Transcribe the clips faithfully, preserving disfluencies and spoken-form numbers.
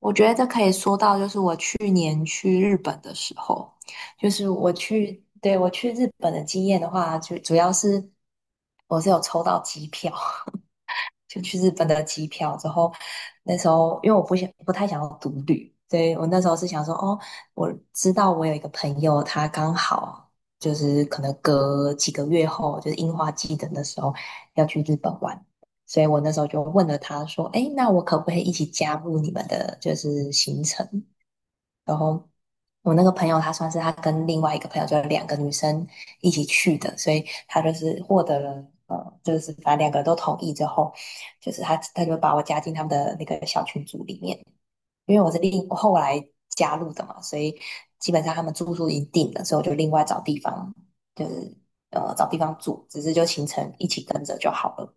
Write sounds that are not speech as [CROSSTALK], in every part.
我觉得这可以说到，就是我去年去日本的时候，就是我去，对，我去日本的经验的话，就主要是我是有抽到机票，就去日本的机票之后，那时候因为我不想不太想要独旅，所以我那时候是想说，哦，我知道我有一个朋友，他刚好就是可能隔几个月后，就是樱花季的那时候要去日本玩，所以我那时候就问了他说，哎，那我可不可以一起加入你们的就是行程？然后我那个朋友，她算是她跟另外一个朋友，就是两个女生一起去的，所以她就是获得了，呃，就是反正两个人都同意之后，就是她她就把我加进他们的那个小群组里面，因为我是另我后来加入的嘛，所以基本上他们住宿已经定了，所以我就另外找地方，就是呃找地方住，只是就行程一起跟着就好了。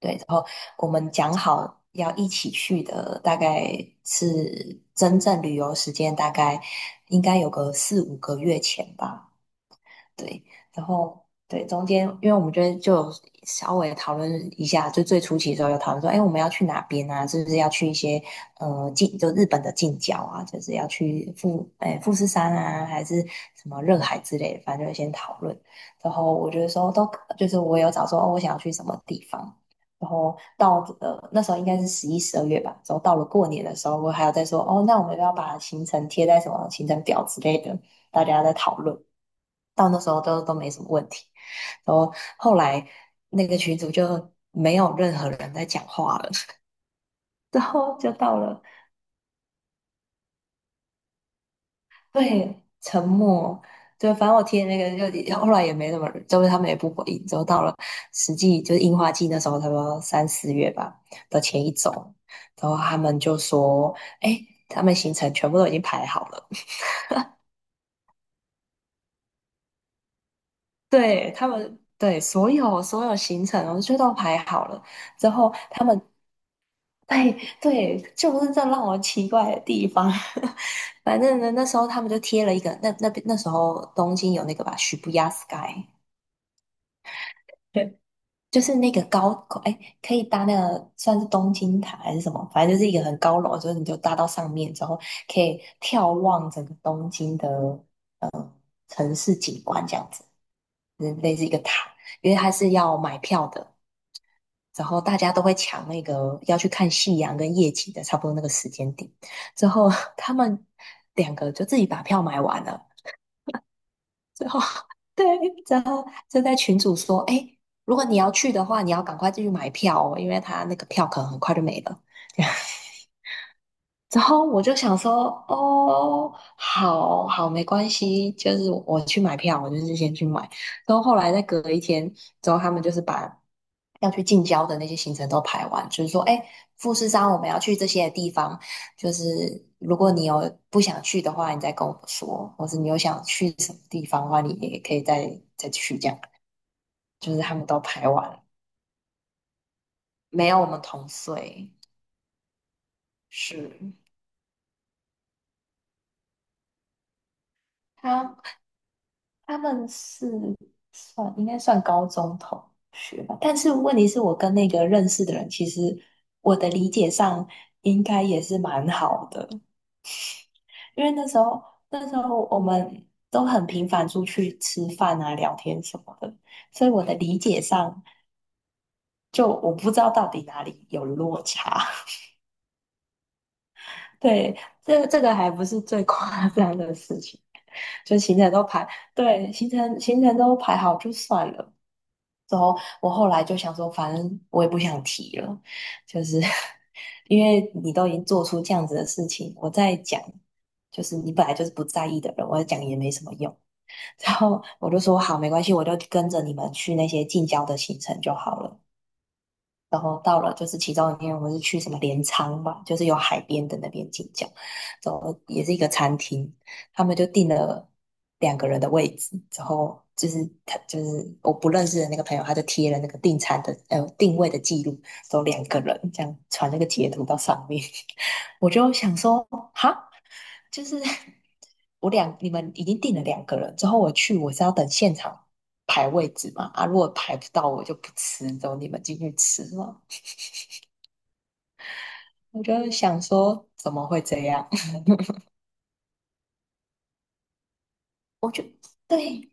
对，然后我们讲好要一起去的，大概是真正旅游时间大概应该有个四五个月前吧。对，然后对中间，因为我们觉得就有稍微讨论一下，就最初期的时候有讨论说，哎，我们要去哪边啊？是不是要去一些呃近就日本的近郊啊？就是要去富哎富士山啊，还是什么热海之类的，反正就先讨论。然后我觉得说都可就是我有找说哦，我想要去什么地方。然后到呃那时候应该是十一、十二月吧，然后到了过年的时候，我还有在说哦，那我们要不要把行程贴在什么行程表之类的，大家在讨论，到那时候都都没什么问题。然后后来那个群主就没有任何人在讲话了，[LAUGHS] 之后就到了对沉默。就反正我贴的那个就后来也没什么人，就是他们也不回应。之后到了实际就是樱花季那时候，差不多三四月吧的前一周，然后他们就说：“哎，他们行程全部都已经排好了。”对，他们对所有所有行程我哦，就都排好了。之后他们对，对，就是这让我奇怪的地方。[LAUGHS] 反正呢，那时候他们就贴了一个，那那边那时候东京有那个吧，许不亚 Sky，对，就是那个高，哎，可以搭那个算是东京塔还是什么，反正就是一个很高楼，就是你就搭到上面之后，可以眺望整个东京的城市景观这样子，嗯，类似一个塔，因为它是要买票的，然后大家都会抢那个要去看夕阳跟夜景的，差不多那个时间点。之后 [LAUGHS] 他们两个就自己把票买完了，之后 [LAUGHS] 对，然后就在群主说，哎，如果你要去的话，你要赶快进去买票哦，因为他那个票可能很快就没了。[LAUGHS] 之后我就想说，哦，好好，没关系，就是我去买票，我就是先去买。然后后来再隔一天之后，他们就是把要去近郊的那些行程都排完，就是说，哎，富士山我们要去这些地方，就是如果你有不想去的话，你再跟我说，或者你有想去什么地方的话，你也可以再再去这样。就是他们都排完了，没有我们同岁，是。他他们是算应该算高中同学吧，但是问题是我跟那个认识的人，其实我的理解上应该也是蛮好的，因为那时候那时候我们都很频繁出去吃饭啊、聊天什么的，所以我的理解上就我不知道到底哪里有落差。[LAUGHS] 对，这这个还不是最夸张的事情。就行程都排，对，行程行程都排好就算了。之后我后来就想说，反正我也不想提了，就是 [LAUGHS] 因为你都已经做出这样子的事情，我再讲，就是你本来就是不在意的人，我讲也没什么用。[LAUGHS] 然后我就说好，没关系，我就跟着你们去那些近郊的行程就好了。然后到了就是其中一天，我们是去什么镰仓吧，就是有海边的那边进郊，之后也是一个餐厅，他们就订了两个人的位置，之后就是他就是我不认识的那个朋友，他就贴了那个订餐的呃定位的记录，都两个人这样传那个截图到上面，[LAUGHS] 我就想说哈，就是我两你们已经订了两个人，之后我去我是要等现场。排位置嘛，啊，如果排不到我就不吃，走你们进去吃嘛。我就想说，怎么会这样？[LAUGHS] 我就对，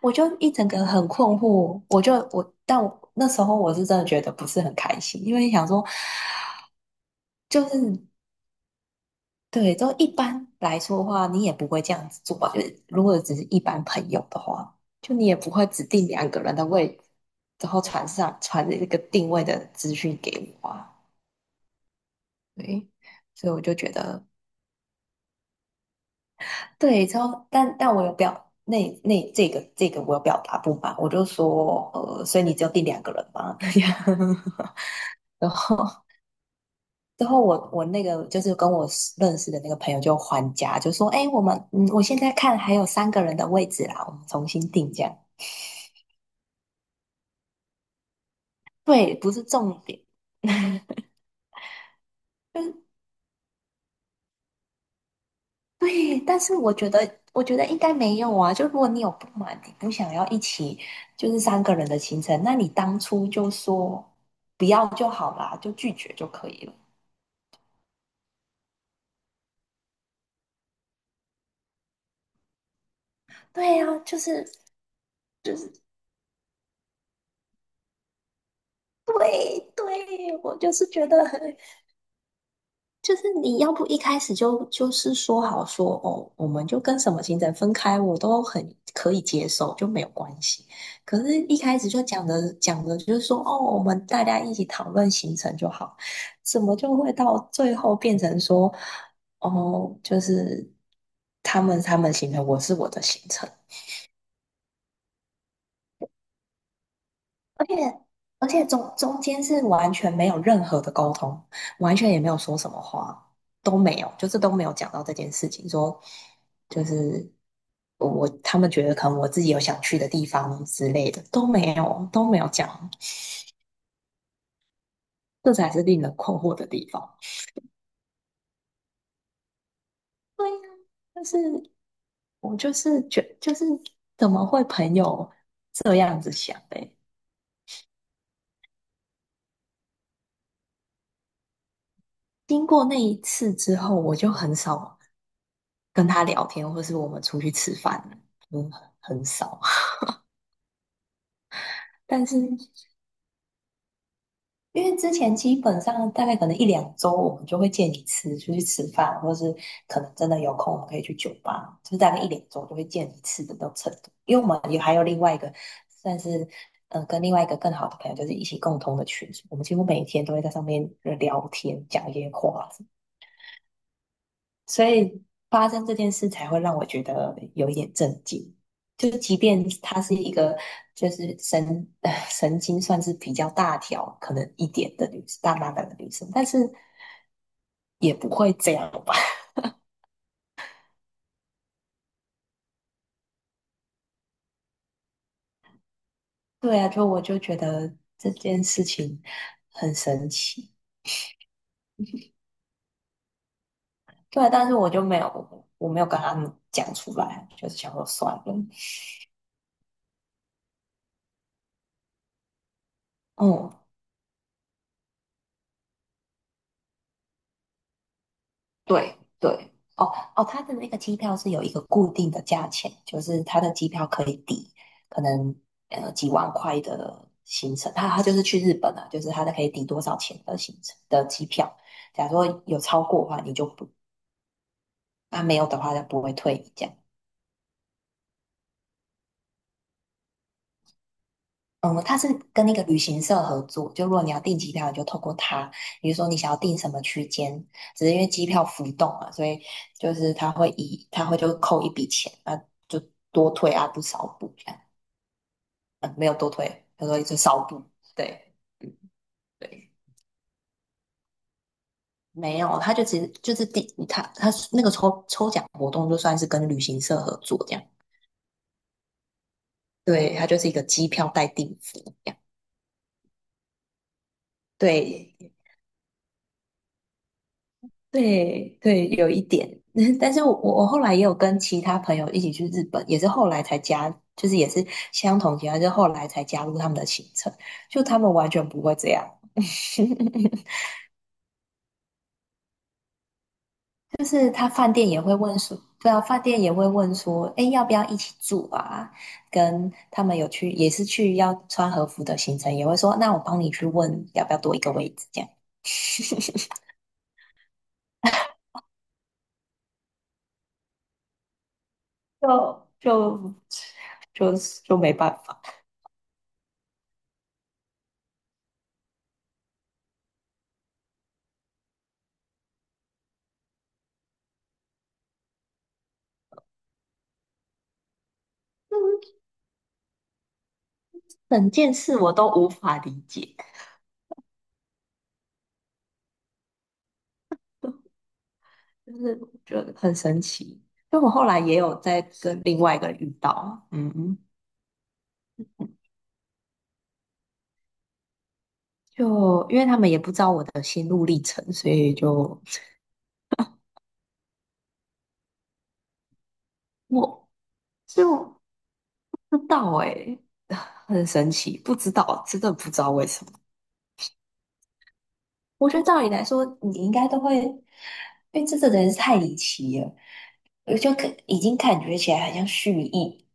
我就一整个很困惑。我就我，但我那时候我是真的觉得不是很开心，因为想说，就是对，都一般来说的话，你也不会这样子做吧？就是如果只是一般朋友的话，就你也不会指定两个人的位置，然后传上传一个定位的资讯给我啊。对，所以我就觉得对，之后但但我有表那那这个这个我有表达不满，我就说呃，所以你就有订两个人吗？[LAUGHS] 这样，然后之后我我那个就是跟我认识的那个朋友就还价，就说哎，我们嗯，我现在看还有三个人的位置啦，我们重新订这样。对，不是重点，就是对，但是我觉得我觉得应该没有啊，就如果你有不满，你不想要一起就是三个人的行程，那你当初就说不要就好啦，就拒绝就可以了。对呀、就是就是对对，我就是觉得很，就是你要不一开始就就是说好说哦，我们就跟什么行程分开，我都很可以接受，就没有关系。可是，一开始就讲的讲的就是说哦，我们大家一起讨论行程就好，怎么就会到最后变成说哦，就是他们他们行程，我是我的行程，而且而且中中间是完全没有任何的沟通，完全也没有说什么话，都没有，就是都没有讲到这件事情，说就是我他们觉得可能我自己有想去的地方之类的都没有都没有讲，这才是令人困惑的地方。对呀，就是我就是觉就是怎么会朋友这样子想的？经过那一次之后，我就很少跟他聊天，或是我们出去吃饭了嗯，很少。[LAUGHS] 但是因为之前基本上大概可能一两周，我们就会见一次，出去吃饭，或是可能真的有空，我们可以去酒吧，就是大概一两周就会见一次的那种程度。因为我们也还有另外一个算是嗯、呃跟另外一个更好的朋友，就是一起共同的群组我们几乎每天都会在上面聊天，讲一些话。所以发生这件事才会让我觉得有一点震惊。就即便她是一个就是神 [SIGHS] 神经算是比较大条，可能一点的女生，大妈的女生，但是也不会这样吧？[LAUGHS] 对啊，就我就觉得这件事情很神奇。对啊，但是我就没有，我没有跟他们讲出来，就是想说算了。嗯，对对，哦哦，他的那个机票是有一个固定的价钱，就是他的机票可以抵可能呃几万块的行程，他他就是去日本啊，就是他的可以抵多少钱的行程的机票，假如说有超过的话，你就不，那没有的话就不会退你这样。嗯，它是跟那个旅行社合作，就如果你要订机票，你就透过他。比如说你想要订什么区间，只是因为机票浮动嘛，所以就是他会以他会就扣一笔钱，啊，就多退啊不少补这样，嗯，没有多退，他说就少补，对嗯对，没有，他就只是就是第他他那个抽抽奖活动就算是跟旅行社合作这样，对，他就是一个机票代订服这样，对。对对，有一点，[LAUGHS] 但是我我后来也有跟其他朋友一起去日本，也是后来才加，就是也是相同情况，就是后来才加入他们的行程，就他们完全不会这样，[LAUGHS] 就是他饭店也会问说，对啊，饭店也会问说，哎，要不要一起住啊？跟他们有去也是去要穿和服的行程，也会说，那我帮你去问要不要多一个位置，这样 [LAUGHS] 就就就就没办法。整件事我都无法理解，就是觉得很神奇。就我后来也有在跟另外一个人遇到，嗯，就因为他们也不知道我的心路历程，所以就我就不知道诶、很神奇，不知道，真的不知道为什么。我觉得照理来说，你应该都会，因为这个人是太离奇了，我就可已经感觉起来很像蓄意，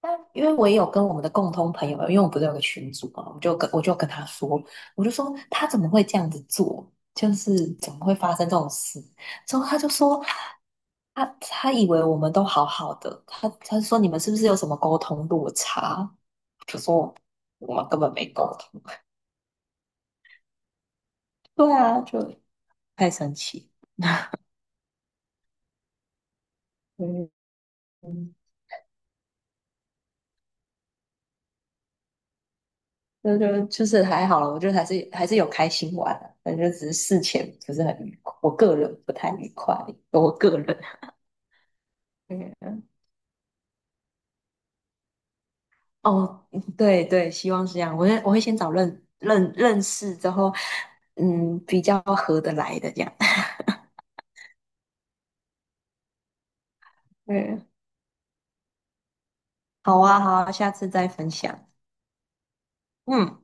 但因为我也有跟我们的共同朋友，因为我们不是有个群组嘛，我就跟我就跟他说，我就说他怎么会这样子做，就是怎么会发生这种事？之后他就说，他他以为我们都好好的，他他说你们是不是有什么沟通落差？我就说我们根本没沟通，[LAUGHS] 对啊，就太神奇。嗯，那就就是还好了，我觉得还是还是有开心玩啊，反正就只是事前不是很愉快，我个人不太愉快，我个人。嗯，哦，对对，希望是这样。我会我会先找认认认识之后，嗯，比较合得来的这样。[LAUGHS] 对，好啊，好啊，下次再分享。嗯，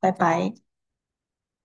拜拜。